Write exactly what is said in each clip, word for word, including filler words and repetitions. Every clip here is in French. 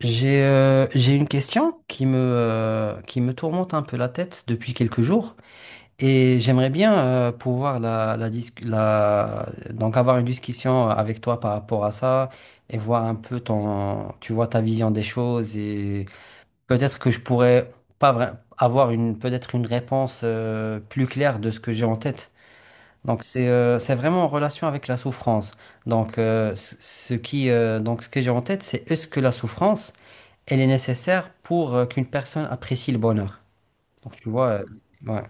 J'ai euh, j'ai une question qui me, euh, qui me tourmente un peu la tête depuis quelques jours et j'aimerais bien euh, pouvoir la, la, dis- la- donc avoir une discussion avec toi par rapport à ça et voir un peu ton, tu vois, ta vision des choses et peut-être que je pourrais pas vra- avoir une, peut-être une réponse euh, plus claire de ce que j'ai en tête. Donc c'est euh, c'est vraiment en relation avec la souffrance. Donc euh, ce ce qui euh, donc ce que j'ai en tête c'est est-ce que la souffrance elle est nécessaire pour euh, qu'une personne apprécie le bonheur. Donc, tu vois, euh, ouais.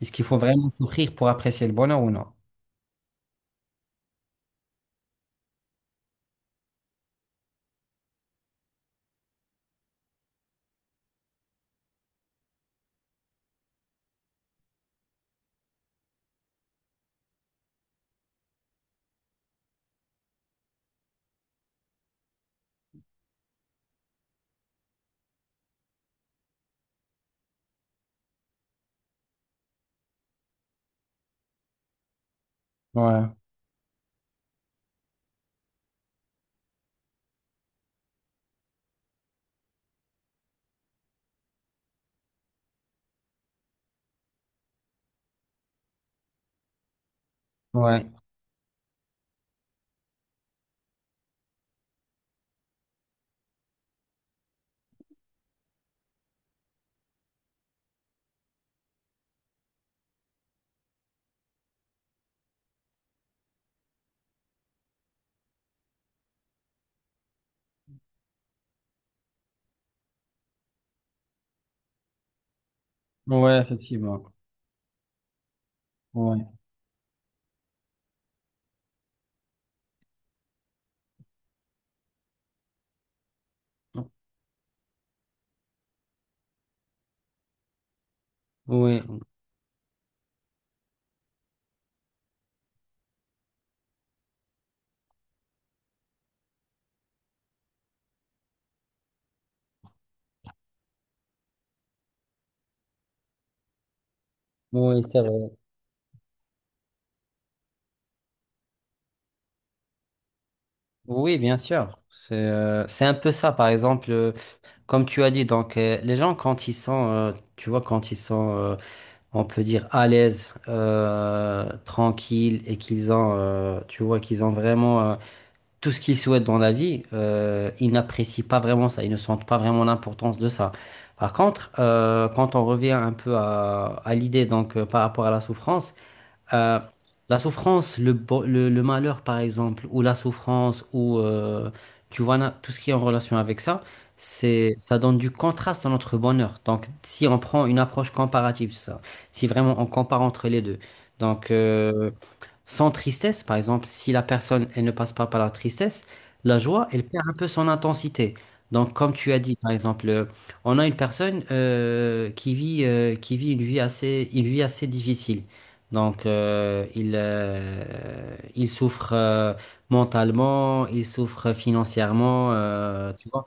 Est-ce qu'il faut vraiment souffrir pour apprécier le bonheur ou non? Ouais, ouais, ouais, effectivement. Ouais. Oui, oui, c'est vrai. Oui, bien sûr. C'est euh, c'est un peu ça, par exemple, euh, comme tu as dit, donc euh, les gens quand ils sont, euh, tu vois, quand ils sont, euh, on peut dire, à l'aise, euh, tranquilles et qu'ils ont, euh, tu vois, qu'ils ont vraiment euh, tout ce qu'ils souhaitent dans la vie, euh, ils n'apprécient pas vraiment ça, ils ne sentent pas vraiment l'importance de ça. Par contre, euh, quand on revient un peu à, à l'idée donc euh, par rapport à la souffrance, euh, la souffrance, le, bo- le, le malheur par exemple, ou la souffrance, ou euh, tu vois na- tout ce qui est en relation avec ça, c'est ça donne du contraste à notre bonheur. Donc si on prend une approche comparative, ça, si vraiment on compare entre les deux, donc euh, sans tristesse, par exemple, si la personne, elle ne passe pas par la tristesse, la joie, elle perd un peu son intensité. Donc, comme tu as dit, par exemple, euh, on a une personne euh, qui vit, euh, qui vit une vie assez, une vie assez difficile. Donc, euh, il, euh, il souffre euh, mentalement, il souffre financièrement, euh, tu vois.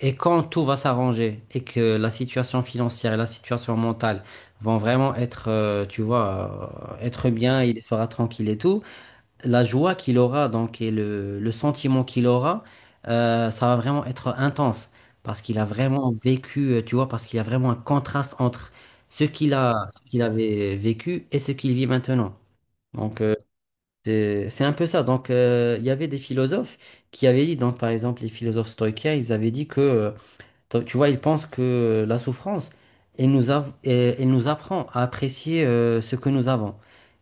Et quand tout va s'arranger et que la situation financière et la situation mentale vont vraiment être, euh, tu vois, euh, être bien, il sera tranquille et tout. La joie qu'il aura, donc, et le, le sentiment qu'il aura, euh, ça va vraiment être intense. Parce qu'il a vraiment vécu, euh, tu vois, parce qu'il y a vraiment un contraste entre ce qu'il a, ce qu'il avait vécu et ce qu'il vit maintenant. Donc, euh, c'est c'est un peu ça. Donc, euh, il y avait des philosophes qui avaient dit, donc, par exemple, les philosophes stoïciens, ils avaient dit que euh, donc, tu vois, il pense que la souffrance, elle nous, av- euh, elle nous apprend à apprécier euh, ce que nous avons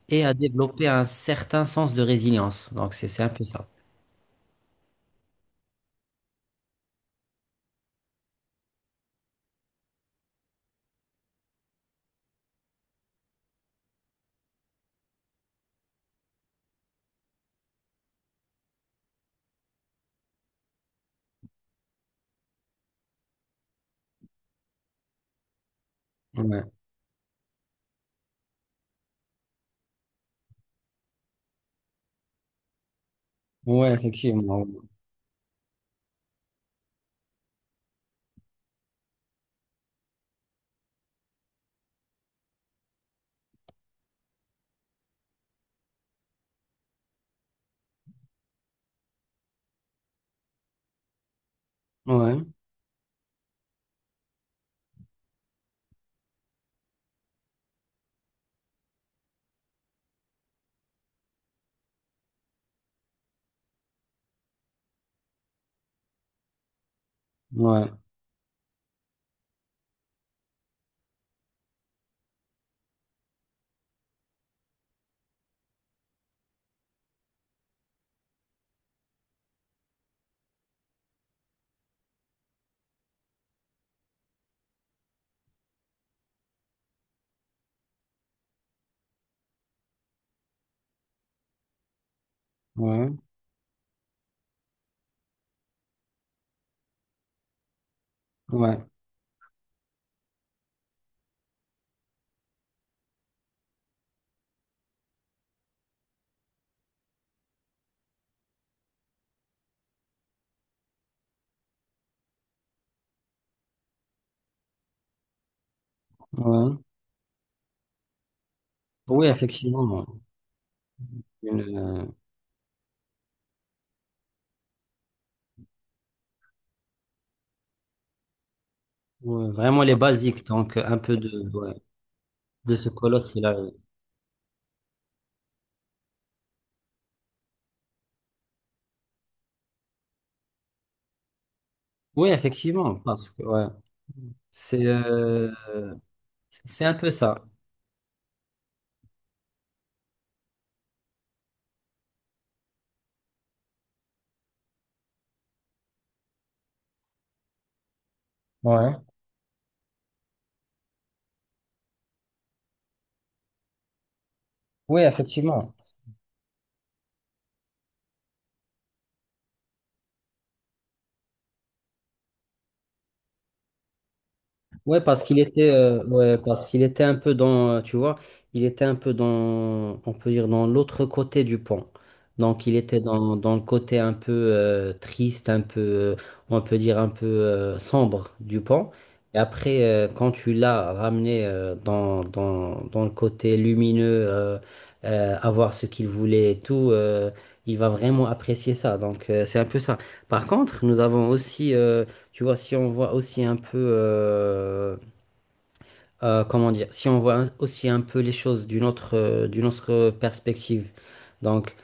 et à développer un certain sens de résilience. Donc, c'est c'est un peu ça. Ouais, ouais, effectivement. Ouais, ouais, ouais, ouais, ouais. Oui, effectivement. Une, euh, ouais, vraiment les basiques, donc un peu de, ouais, de ce colosse qu'il a. Oui, effectivement, parce que ouais, c'est euh, c'est un peu ça. Ouais. Oui, effectivement. Ouais, parce qu'il était, euh, ouais, parce qu'il était un peu dans, euh, tu vois, il était un peu dans, on peut dire, dans l'autre côté du pont. Donc, il était dans, dans le côté un peu euh, triste, un peu, euh, on peut dire, un peu euh, sombre du pont. Et après, euh, quand tu l'as ramené euh, dans, dans, dans le côté lumineux, euh, euh, avoir ce qu'il voulait et tout, euh, il va vraiment apprécier ça. Donc, euh, c'est un peu ça. Par contre, nous avons aussi. Euh, tu vois, si on voit aussi un peu, euh, euh, comment dire, si on voit un- aussi un peu les choses d'une autre, euh, d'une autre perspective. Donc,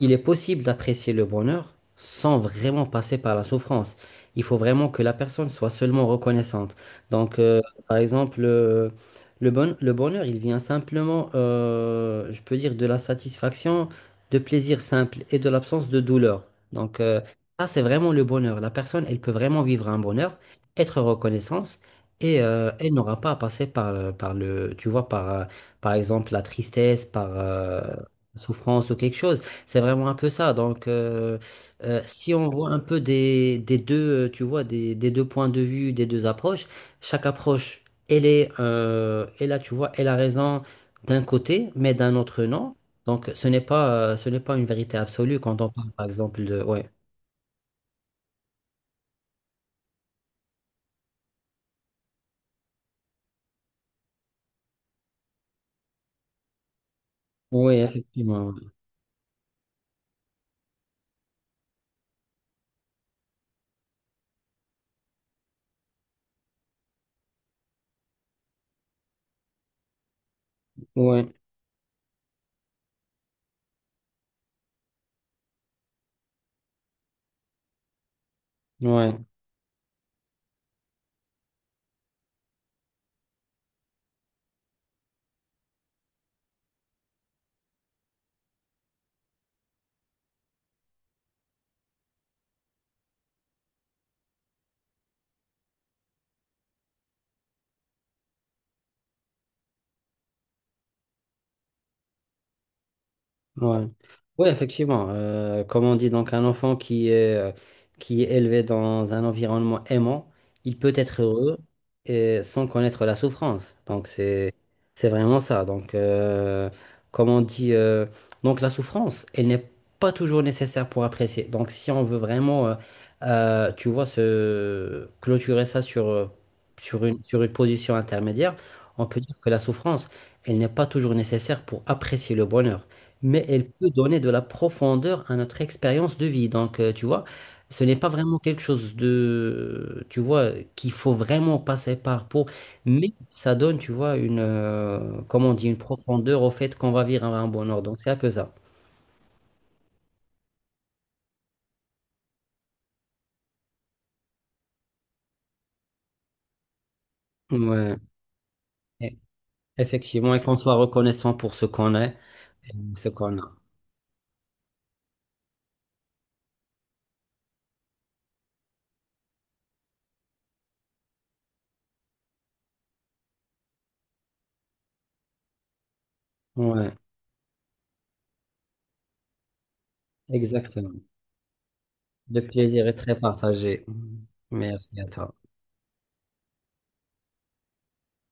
il est possible d'apprécier le bonheur sans vraiment passer par la souffrance. Il faut vraiment que la personne soit seulement reconnaissante. Donc, euh, par exemple, euh, le bon- le bonheur, il vient simplement, euh, je peux dire, de la satisfaction, de plaisir simple et de l'absence de douleur. Donc, euh, ça, c'est vraiment le bonheur. La personne, elle peut vraiment vivre un bonheur, être reconnaissante. Et euh, elle n'aura pas à passer par, euh, par le, tu vois, par, euh, par exemple, la tristesse, par euh, la souffrance ou quelque chose. C'est vraiment un peu ça. Donc, euh, euh, si on voit un peu des, des deux, euh, tu vois, des, des deux points de vue, des deux approches, chaque approche, elle est, euh, elle là tu vois, elle a raison d'un côté, mais d'un autre non. Donc, ce n'est pas, euh, ce n'est pas une vérité absolue quand on parle, par exemple, de... Ouais. Oui, effectivement. Ouais, ouais. Ouais. Ouais, effectivement. Euh, comme on dit, donc un enfant qui est, euh, qui est élevé dans un environnement aimant, il peut être heureux et sans connaître la souffrance. Donc c'est c'est vraiment ça. Donc euh, comme on dit, euh, donc la souffrance, elle n'est pas toujours nécessaire pour apprécier. Donc si on veut vraiment, euh, euh, tu vois, se clôturer ça sur euh, sur une sur une position intermédiaire, on peut dire que la souffrance, elle n'est pas toujours nécessaire pour apprécier le bonheur mais elle peut donner de la profondeur à notre expérience de vie. Donc, euh, tu vois, ce n'est pas vraiment quelque chose de, tu vois, qu'il faut vraiment passer par pour, mais ça donne, tu vois, une, euh, comment on dit, une profondeur au fait qu'on va vivre un un bonheur. Donc, c'est un peu ça. Ouais, e- effectivement, et qu'on soit reconnaissant pour ce qu'on est et ce qu'on a. Ouais, exactement. Le plaisir est très partagé. Merci à toi.